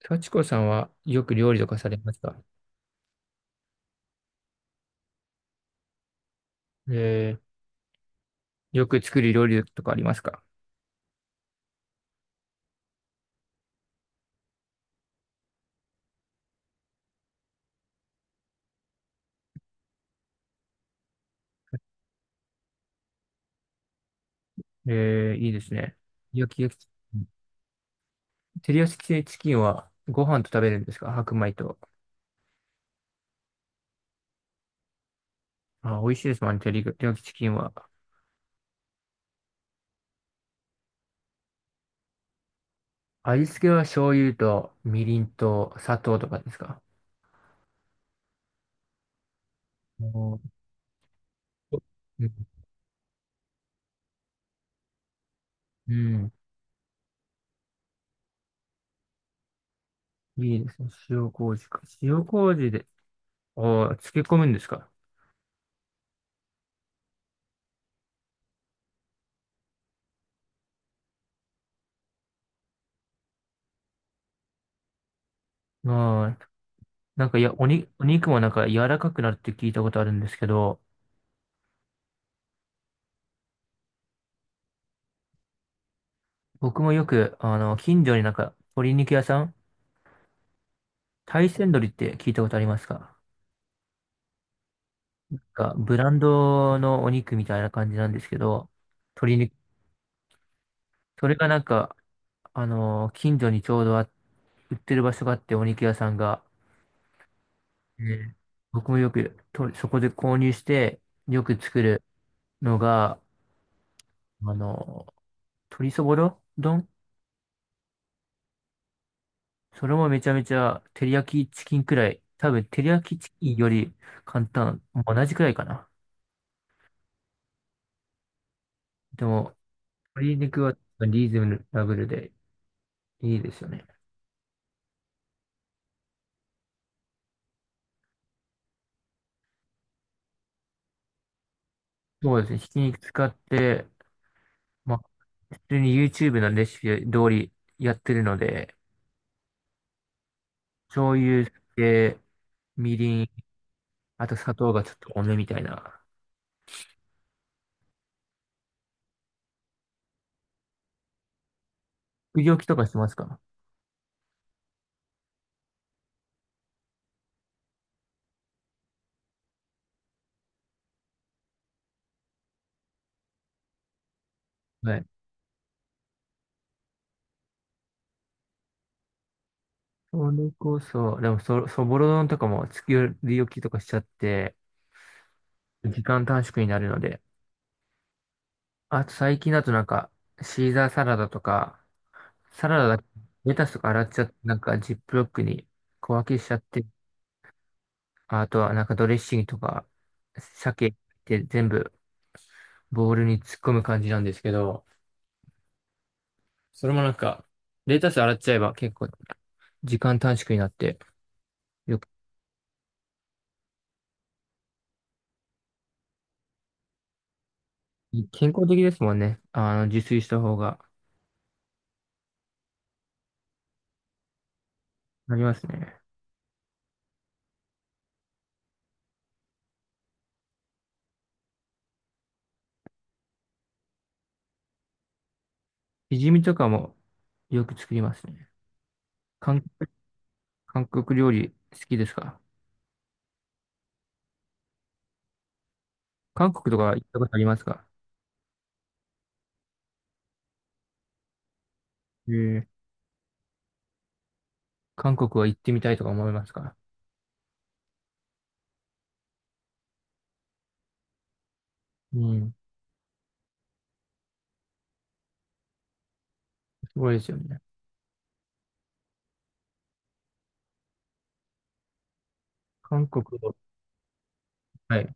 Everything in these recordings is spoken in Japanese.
幸子さんはよく料理とかされますか？えー、よく作る料理とかありますか？いいですね。焼き焼き、照り焼きチキンはご飯と食べるんですか？白米と。あ、美味しいですもんね、照り焼きチキンは。味付けは醤油とみりんと砂糖とかですか？おー。うん。うん。いいですね。塩麹か。塩麹で、ああ、漬け込むんですか。ああ、なんか、いや、お肉もなんか柔らかくなるって聞いたことあるんですけど、僕もよく、近所になんか、鶏肉屋さん、大山鶏って聞いたことありますか？なんか、ブランドのお肉みたいな感じなんですけど、鶏肉、それがなんか、近所にちょうど売ってる場所があって、お肉屋さんが、ね、僕もよくそこで購入して、よく作るのが、あの、鶏そぼろ丼。それもめちゃめちゃ、照り焼きチキンくらい。多分、照り焼きチキンより簡単。同じくらいかな。でも、鶏肉はリーズナブルでいいですよね。そうですね。ひき肉使って、まあ、普通に YouTube のレシピ通りやってるので、醤油、で、みりん、あと砂糖がちょっと多めみたいな。作り置きとかしますか？はい。それこそ、でもそぼろ丼とかも作り置きとかしちゃって、時間短縮になるので。あと最近だとなんか、シーザーサラダとか、サラダだ、レタスとか洗っちゃって、なんかジップロックに小分けしちゃって、あとはなんかドレッシングとか、鮭って全部ボウルに突っ込む感じなんですけど、それもなんか、レタス洗っちゃえば結構時間短縮になって、よく、健康的ですもんね。自炊した方が、なりますね。しじみとかもよく作りますね。韓、韓国料理好きですか？韓国とか行ったことありますか？えー、韓国は行ってみたいとか思いますか？うん、すごいですよね。韓国を、はい。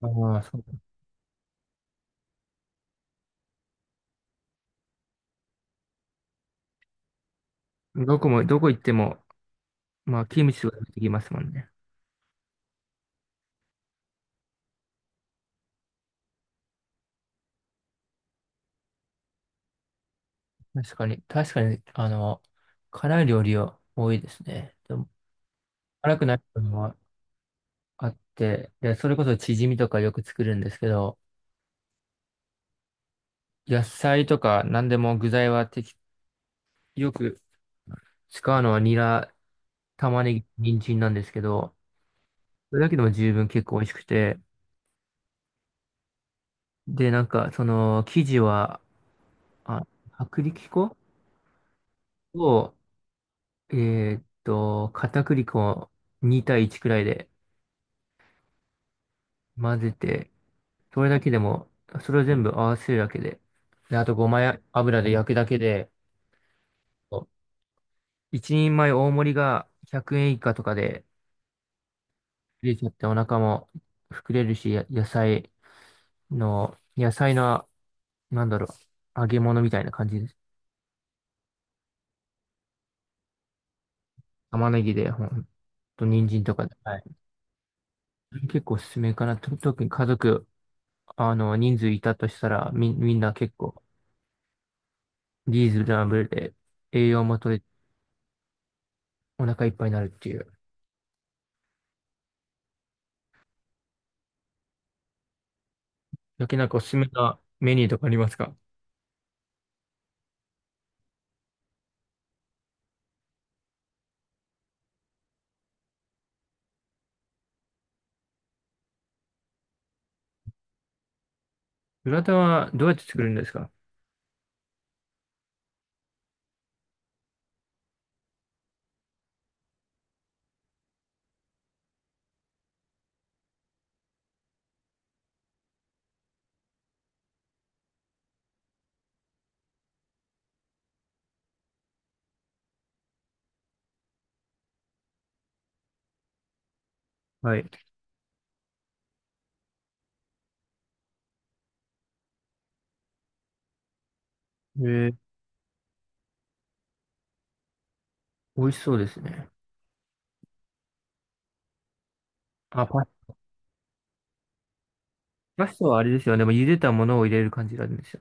ああ、そう。どこ行っても、まあ、キムチとか出てきますもんね。確かに、確かに、辛い料理は多いですね。でも、辛くないものはあって、で、それこそチヂミとかよく作るんですけど、野菜とか何でも具材は適、よく使うのはニラ、玉ねぎ、人参なんですけど、それだけでも十分結構美味しくて、で、なんか、その、生地は、あ、薄力粉を、え片栗粉2対1くらいで混ぜて、それだけでも、それを全部合わせるだけで、で、あとごまや油で焼くだけで、一人前大盛りが100円以下とかで出ちゃってお腹も膨れるし、や野菜の、野菜の、なんだろ揚げ物みたいな感じです。玉ねぎで、ほんと、人参とかで。はい、結構おすすめかな。特に家族、人数いたとしたら、みんな結構リーズナブルで栄養も取れ、お腹いっぱいになるっていう。だけなんかおすすめなメニューとかありますか？グラタンはどうやって作るんですか？はい。えー、美味しそうですね。あ、パスタはあれですよね。でも茹でたものを入れる感じなんですよ。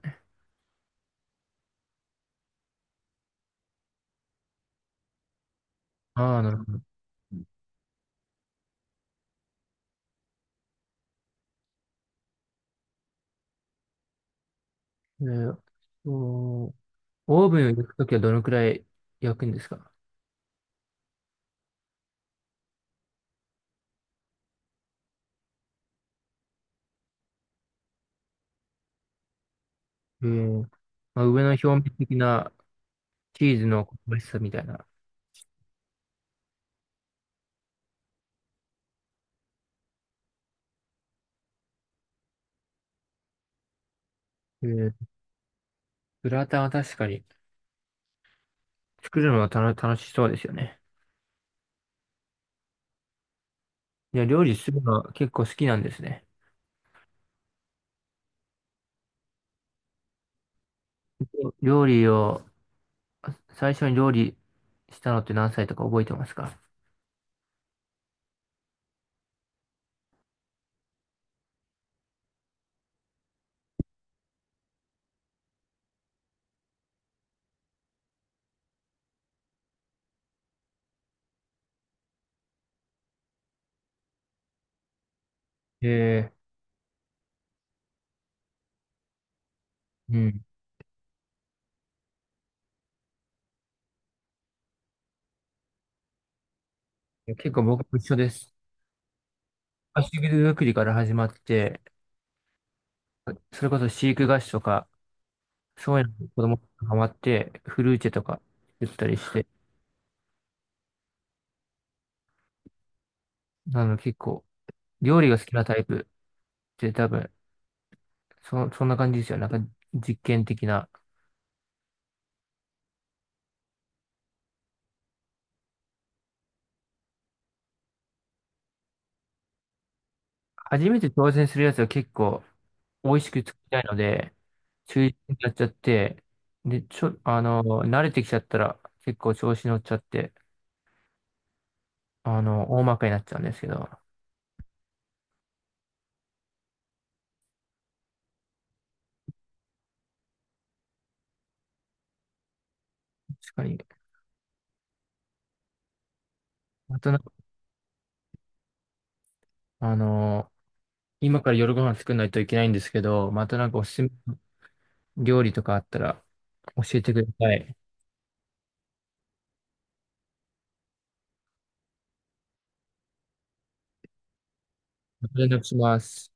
ああ、なるほど。えーとオーブンを焼くときはどのくらい焼くんですか？えー、まあ、上の表面的なチーズの香ばしさみたいな。えー、グラタンは確かに作るのは楽しそうですよね。いや、料理するのは結構好きなんですね。料理を、最初に料理したのって何歳とか覚えてますか？えうん。いや結構僕も一緒です。菓子作りから始まって、それこそ飼育菓子とか、そういうの子供がハマって、フルーチェとか言ったりして、結構、料理が好きなタイプって多分、そんな感じですよ。なんか、実験的な。初めて挑戦するやつは結構、美味しく作りたいので、中心になっちゃって、で、慣れてきちゃったら、結構調子乗っちゃって、大まかになっちゃうんですけど、確かに。またなんか、あの、今から夜ご飯作んないといけないんですけど、またなんかおすすめの料理とかあったら、教えてください。連絡します。